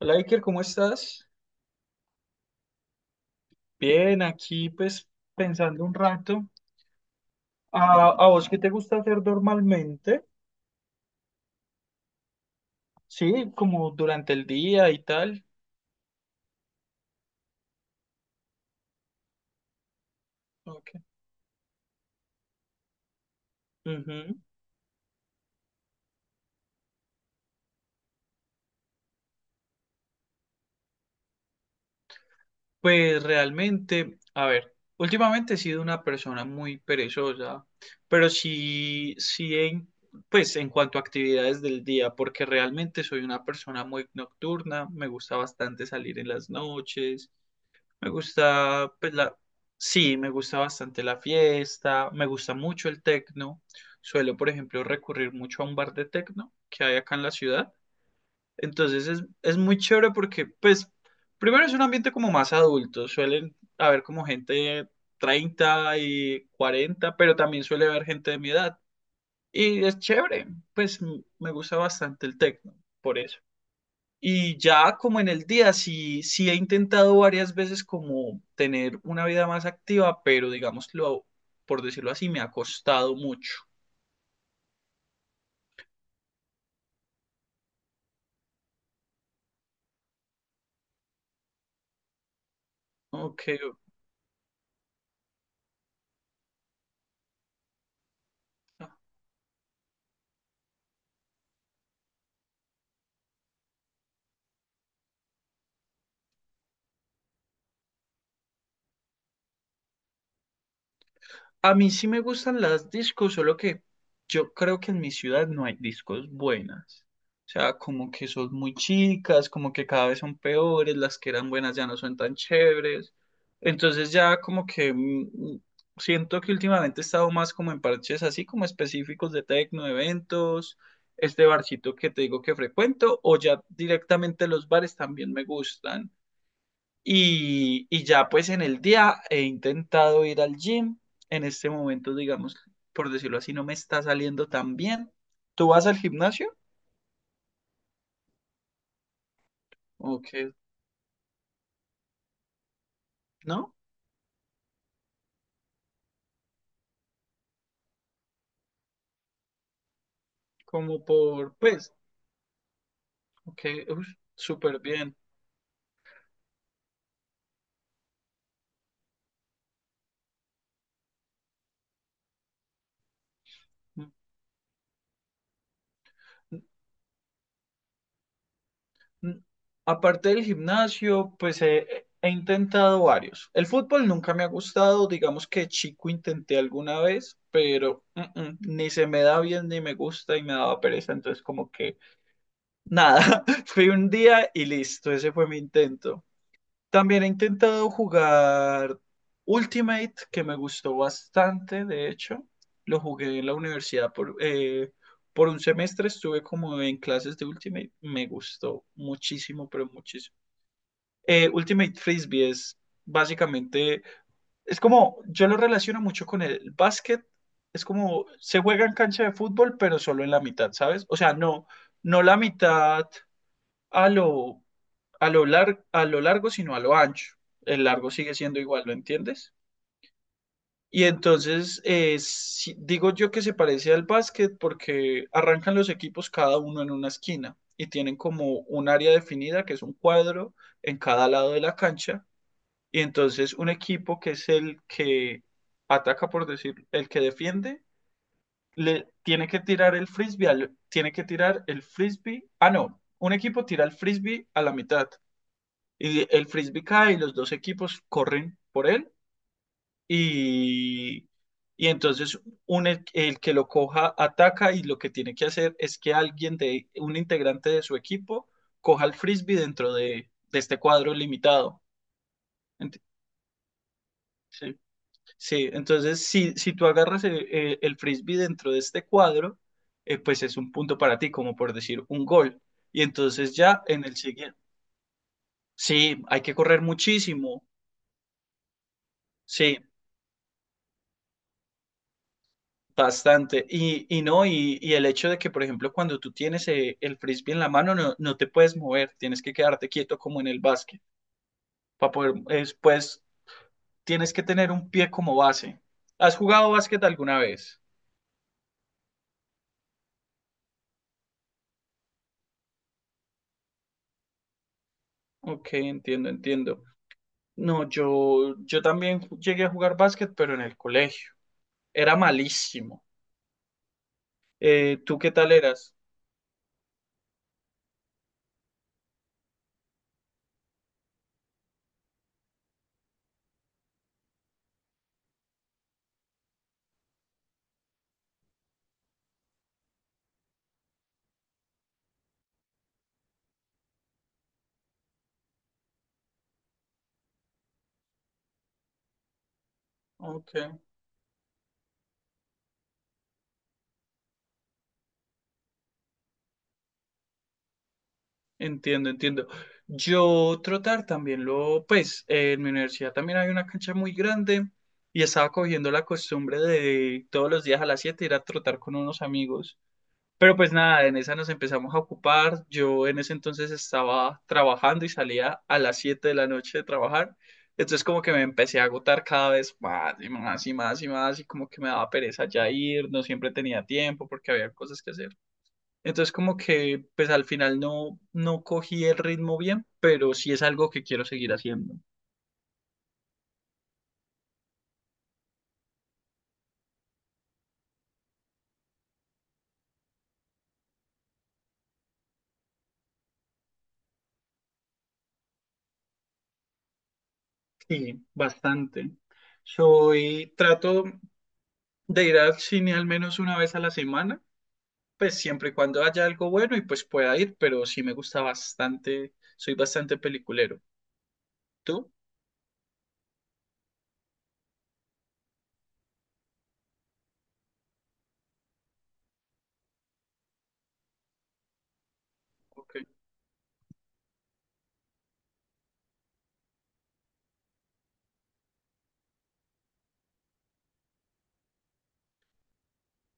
Hola Iker, ¿cómo estás? Bien, aquí pues pensando un rato. ¿A, a vos qué te gusta hacer normalmente? Sí, como durante el día y tal. Ok. Ujú. Pues realmente, a ver, últimamente he sido una persona muy perezosa, pero pues en cuanto a actividades del día, porque realmente soy una persona muy nocturna, me gusta bastante salir en las noches. Me gusta, pues sí, me gusta bastante la fiesta, me gusta mucho el tecno. Suelo, por ejemplo, recurrir mucho a un bar de tecno que hay acá en la ciudad. Entonces es muy chévere porque, pues, primero es un ambiente como más adulto. Suelen haber como gente de 30 y 40, pero también suele haber gente de mi edad. Y es chévere, pues me gusta bastante el tecno, por eso. Y ya como en el día, sí he intentado varias veces como tener una vida más activa, pero digámoslo, por decirlo así, me ha costado mucho. Ok. A mí sí me gustan las discos, solo que yo creo que en mi ciudad no hay discos buenas. O sea, como que son muy chicas, como que cada vez son peores, las que eran buenas ya no son tan chéveres. Entonces ya como que siento que últimamente he estado más como en parches así como específicos de tecno, de eventos, este barcito que te digo que frecuento, o ya directamente los bares también me gustan. Y ya pues en el día he intentado ir al gym. En este momento, digamos, por decirlo así, no me está saliendo tan bien. ¿Tú vas al gimnasio? ¿O qué? ¿No? Como por, pues, ok, uy, súper bien. Mm, mm. Aparte del gimnasio, pues he intentado varios. El fútbol nunca me ha gustado, digamos que chico intenté alguna vez, pero ni se me da bien ni me gusta y me daba pereza, entonces como que nada, fui un día y listo, ese fue mi intento. También he intentado jugar Ultimate, que me gustó bastante, de hecho. Lo jugué en la universidad por un semestre, estuve como en clases de Ultimate, me gustó muchísimo, pero muchísimo. Ultimate Frisbee es básicamente, es como, yo lo relaciono mucho con el básquet, es como, se juega en cancha de fútbol, pero solo en la mitad, ¿sabes? O sea, no, no la mitad a lo, a lo largo, sino a lo ancho. El largo sigue siendo igual, ¿lo entiendes? Y entonces, digo yo que se parece al básquet porque arrancan los equipos cada uno en una esquina y tienen como un área definida que es un cuadro en cada lado de la cancha. Y entonces un equipo que es el que ataca, por decir, el que defiende, le tiene que tirar el tiene que tirar el frisbee. Ah, no, un equipo tira el frisbee a la mitad. Y el frisbee cae y los dos equipos corren por él y, y entonces el que lo coja ataca y lo que tiene que hacer es que alguien de un integrante de su equipo coja el frisbee de este cuadro limitado. Ent- Sí, sí, entonces si tú agarras el frisbee dentro de este cuadro, pues es un punto para ti, como por decir un gol. Y entonces ya en el siguiente, sí, hay que correr muchísimo, sí, bastante. Y no, y el hecho de que, por ejemplo, cuando tú tienes el frisbee en la mano, no, no te puedes mover, tienes que quedarte quieto como en el básquet. Para poder, es, pues, tienes que tener un pie como base. ¿Has jugado básquet alguna vez? Ok, entiendo, entiendo. No, yo también llegué a jugar básquet, pero en el colegio. Era malísimo. ¿Tú qué tal eras? Ok. Entiendo, entiendo. Yo trotar también lo, pues en mi universidad también hay una cancha muy grande y estaba cogiendo la costumbre de todos los días a las 7 ir a trotar con unos amigos. Pero pues nada, en esa nos empezamos a ocupar. Yo en ese entonces estaba trabajando y salía a las 7 de la noche de trabajar. Entonces como que me empecé a agotar cada vez más y más y más y más y como que me daba pereza ya ir, no siempre tenía tiempo porque había cosas que hacer. Entonces como que pues al final no, no cogí el ritmo bien, pero sí es algo que quiero seguir haciendo. Sí, bastante. Soy, trato de ir al cine al menos una vez a la semana, pues siempre y cuando haya algo bueno y pues pueda ir, pero sí me gusta bastante, soy bastante peliculero. ¿Tú? Ok.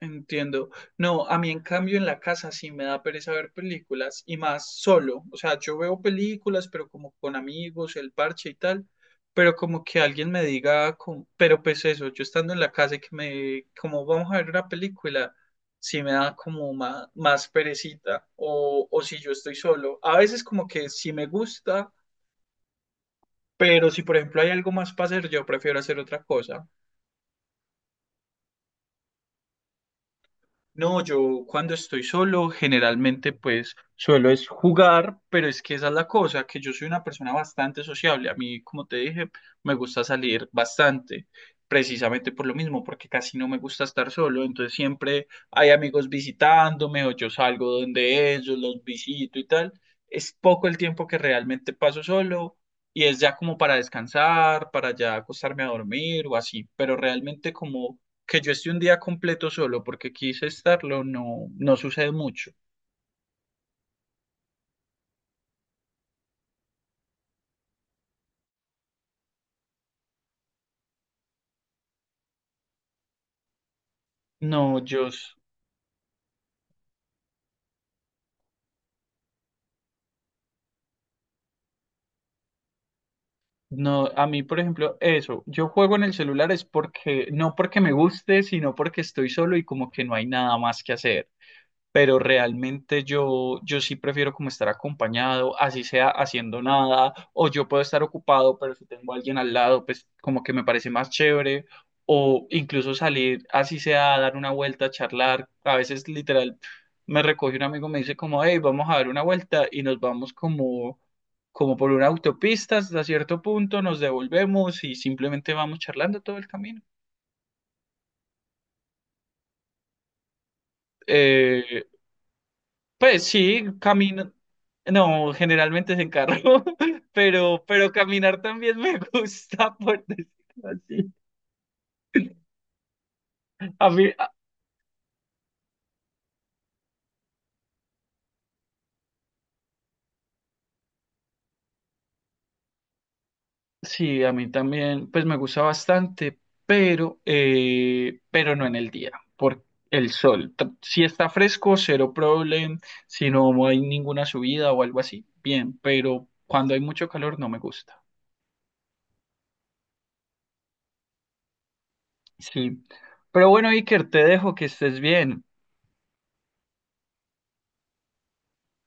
Entiendo. No, a mí en cambio en la casa sí me da pereza ver películas y más solo. O sea, yo veo películas, pero como con amigos, el parche y tal, pero como que alguien me diga, como- pero pues eso, yo estando en la casa y que me, como vamos a ver una película, sí me da como más, más perecita. O si yo estoy solo. A veces como que sí me gusta, pero si por ejemplo hay algo más para hacer, yo prefiero hacer otra cosa. No, yo cuando estoy solo, generalmente pues suelo es jugar, pero es que esa es la cosa, que yo soy una persona bastante sociable. A mí, como te dije, me gusta salir bastante, precisamente por lo mismo, porque casi no me gusta estar solo. Entonces siempre hay amigos visitándome o yo salgo donde ellos, los visito y tal. Es poco el tiempo que realmente paso solo y es ya como para descansar, para ya acostarme a dormir o así, pero realmente como que yo esté un día completo solo porque quise estarlo, no, no sucede mucho. No, yo, s- no, a mí, por ejemplo, eso, yo juego en el celular es porque, no porque me guste, sino porque estoy solo y como que no hay nada más que hacer. Pero realmente yo sí prefiero como estar acompañado, así sea haciendo nada, o yo puedo estar ocupado, pero si tengo a alguien al lado, pues como que me parece más chévere, o incluso salir, así sea a dar una vuelta, a charlar, a veces literal me recoge un amigo, me dice como, hey, vamos a dar una vuelta y nos vamos como... como por una autopista hasta cierto punto, nos devolvemos y simplemente vamos charlando todo el camino. Eh, Pues sí, camino. No, generalmente es en carro, pero caminar también me gusta, por decirlo así. A mí, a- sí, a mí también, pues me gusta bastante, pero no en el día, por el sol. Si está fresco, cero problema. Si no hay ninguna subida o algo así, bien, pero cuando hay mucho calor no me gusta. Sí. Pero bueno, Iker, te dejo que estés bien.